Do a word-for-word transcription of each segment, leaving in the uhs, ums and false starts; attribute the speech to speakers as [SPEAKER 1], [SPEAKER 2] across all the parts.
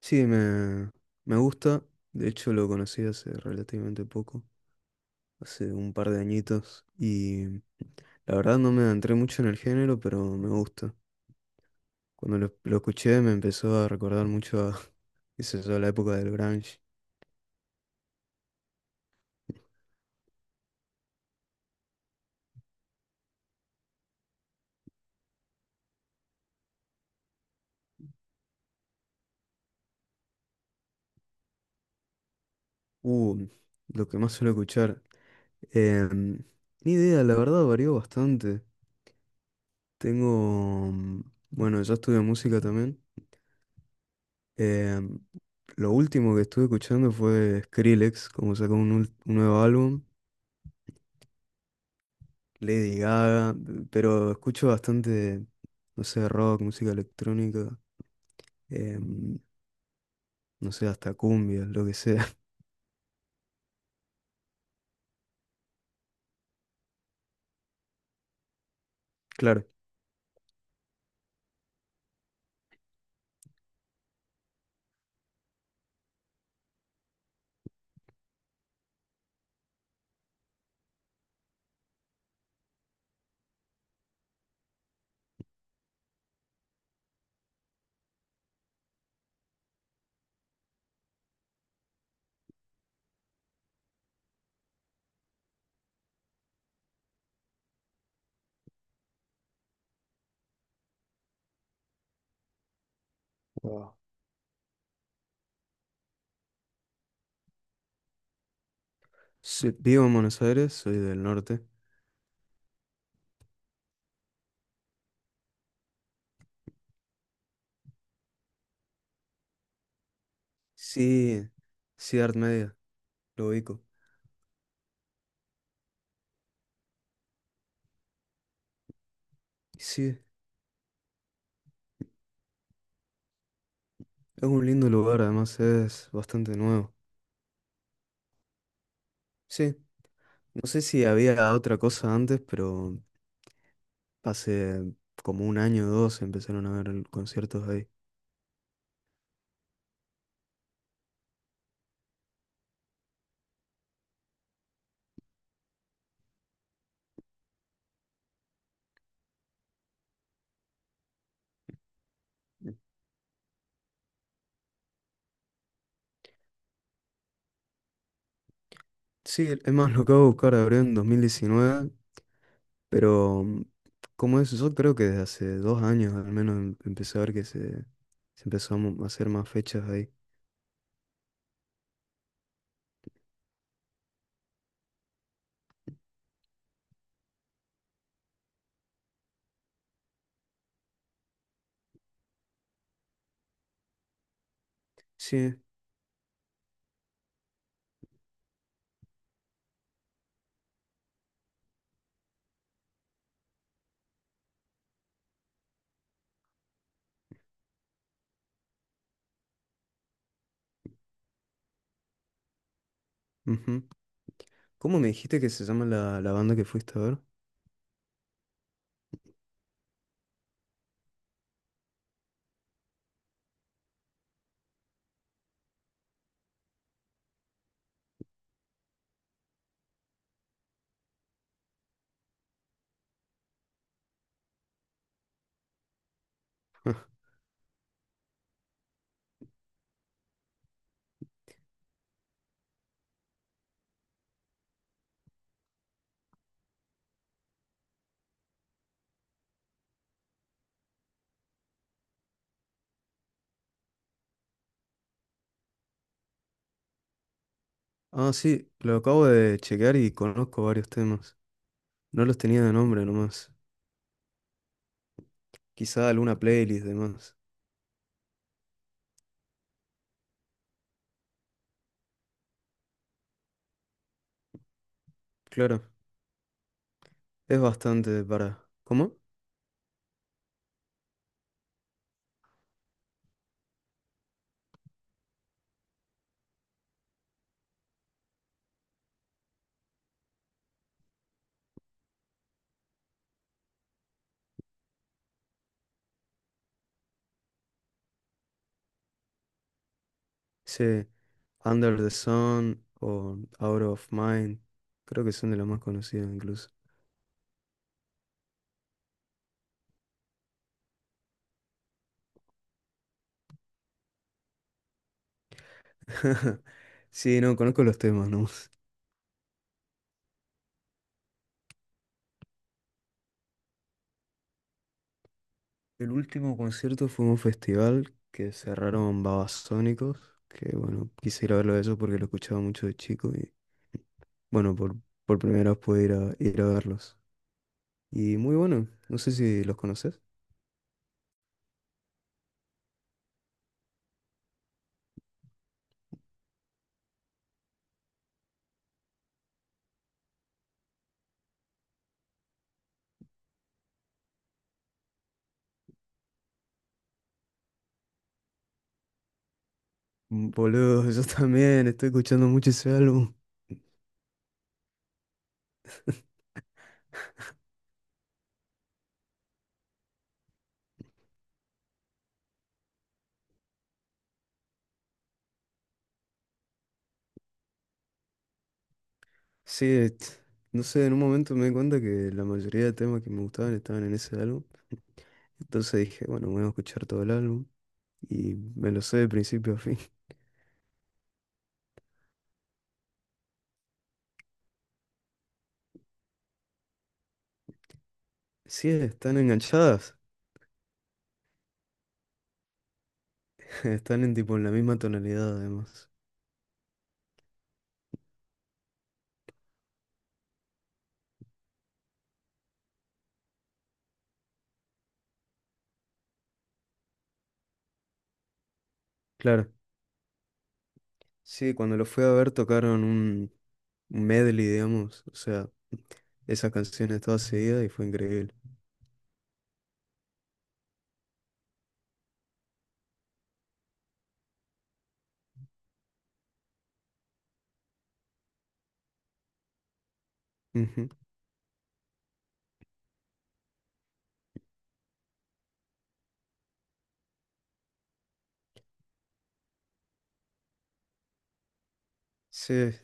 [SPEAKER 1] Sí, me, me gusta. De hecho, lo conocí hace relativamente poco, hace un par de añitos. Y la verdad no me adentré mucho en el género, pero me gusta. Cuando lo, lo escuché me empezó a recordar mucho a, qué sé yo, la época del grunge. Uh, lo que más suelo escuchar. Em, Ni idea, la verdad varió bastante. Tengo, mm, bueno, yo estudio música también. Eh, lo último que estuve escuchando fue Skrillex, como sacó un, ul- un nuevo álbum, Lady Gaga, pero escucho bastante, no sé, rock, música electrónica, em, no sé, hasta cumbia, lo que sea. Claro. Wow, sí, vivo en Buenos Aires, soy del norte. Sí, sí, Art Media, lo ubico. Sí, es un lindo lugar, además es bastante nuevo. Sí, no sé si había otra cosa antes, pero hace como un año o dos empezaron a ver conciertos ahí. Sí, es más, lo acabo de buscar, abrió en dos mil diecinueve, pero mm, como es, yo creo que desde hace dos años al menos em- empecé a ver que se, se empezó a mo- a hacer más fechas ahí. Sí, ujú. ¿Cómo me dijiste que se llama la, la banda que fuiste a ver? Ah, sí, lo acabo de chequear y conozco varios temas. No los tenía de nombre nomás. Quizá alguna playlist de más. Claro, es bastante para... ¿Cómo? Sí. Under the Sun o Out of Mind. Creo que son de las más conocidas incluso. Sí, no, conozco los temas, ¿no? El último concierto fue un festival que cerraron Babasónicos, que bueno, quise ir a verlo de ellos porque lo escuchaba mucho de chico y bueno, por, por primera vez pude ir a, ir a verlos. Y muy bueno, no sé si los conoces. Mm, boludo, yo también estoy escuchando mucho ese álbum. Sí, et- no sé, en un momento me di cuenta que la mayoría de temas que me gustaban estaban en ese álbum. Entonces dije, bueno, voy a escuchar todo el álbum y me lo sé de principio a fin. Sí, están enganchadas. Están en tipo en la misma tonalidad además. Claro, sí, cuando lo fui a ver tocaron un un medley, digamos. O sea, esas canciones todas seguidas y fue increíble. Ujú. Sí,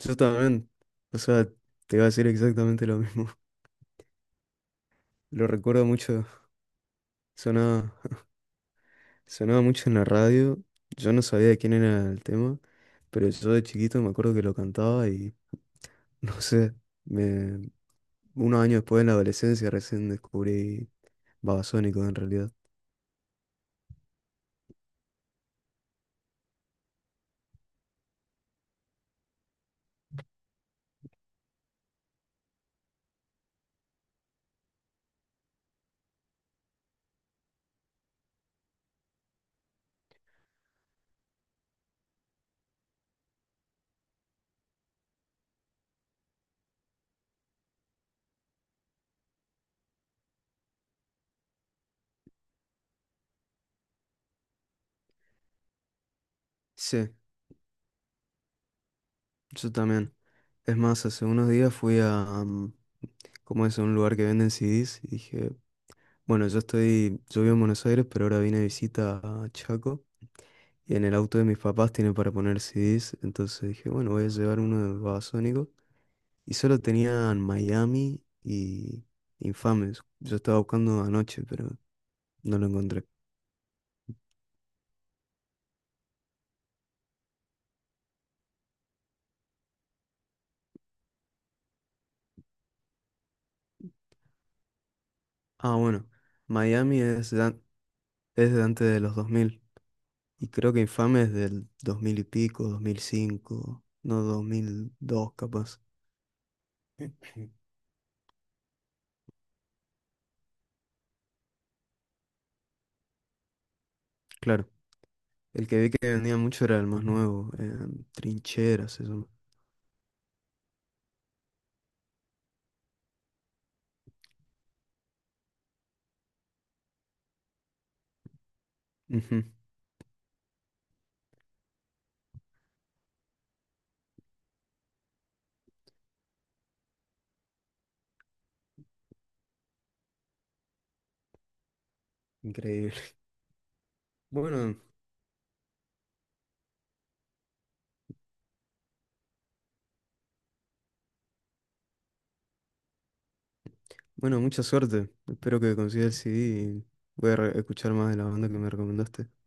[SPEAKER 1] yo también. O sea, te iba a decir exactamente lo mismo. Lo recuerdo mucho. Sonaba. Sonaba mucho en la radio, yo no sabía de quién era el tema, pero yo de chiquito me acuerdo que lo cantaba y no sé, me, unos años después en la adolescencia recién descubrí Babasónicos en realidad. Sí, yo también. Es más, hace unos días fui a, mm, ¿cómo es? A un lugar que venden C Des y dije, bueno, yo estoy, yo vivo en Buenos Aires, pero ahora vine de visita a Chaco y en el auto de mis papás tiene para poner C Des, entonces dije, bueno, voy a llevar uno de Babasónicos. Y solo tenían Miami y Infames. Yo estaba buscando anoche, pero no lo encontré. Ah, bueno. Miami es, dan- es de antes de los dos mil. Y creo que Infames es del dos mil y pico, dos mil cinco, no dos mil dos capaz. Claro. El que vi que vendía mucho era el más nuevo. eh, Trincheras, eso. Ujú, increíble. Bueno, bueno, mucha suerte. Espero que consigas el C D y voy a re- escuchar más de la banda que me recomendaste.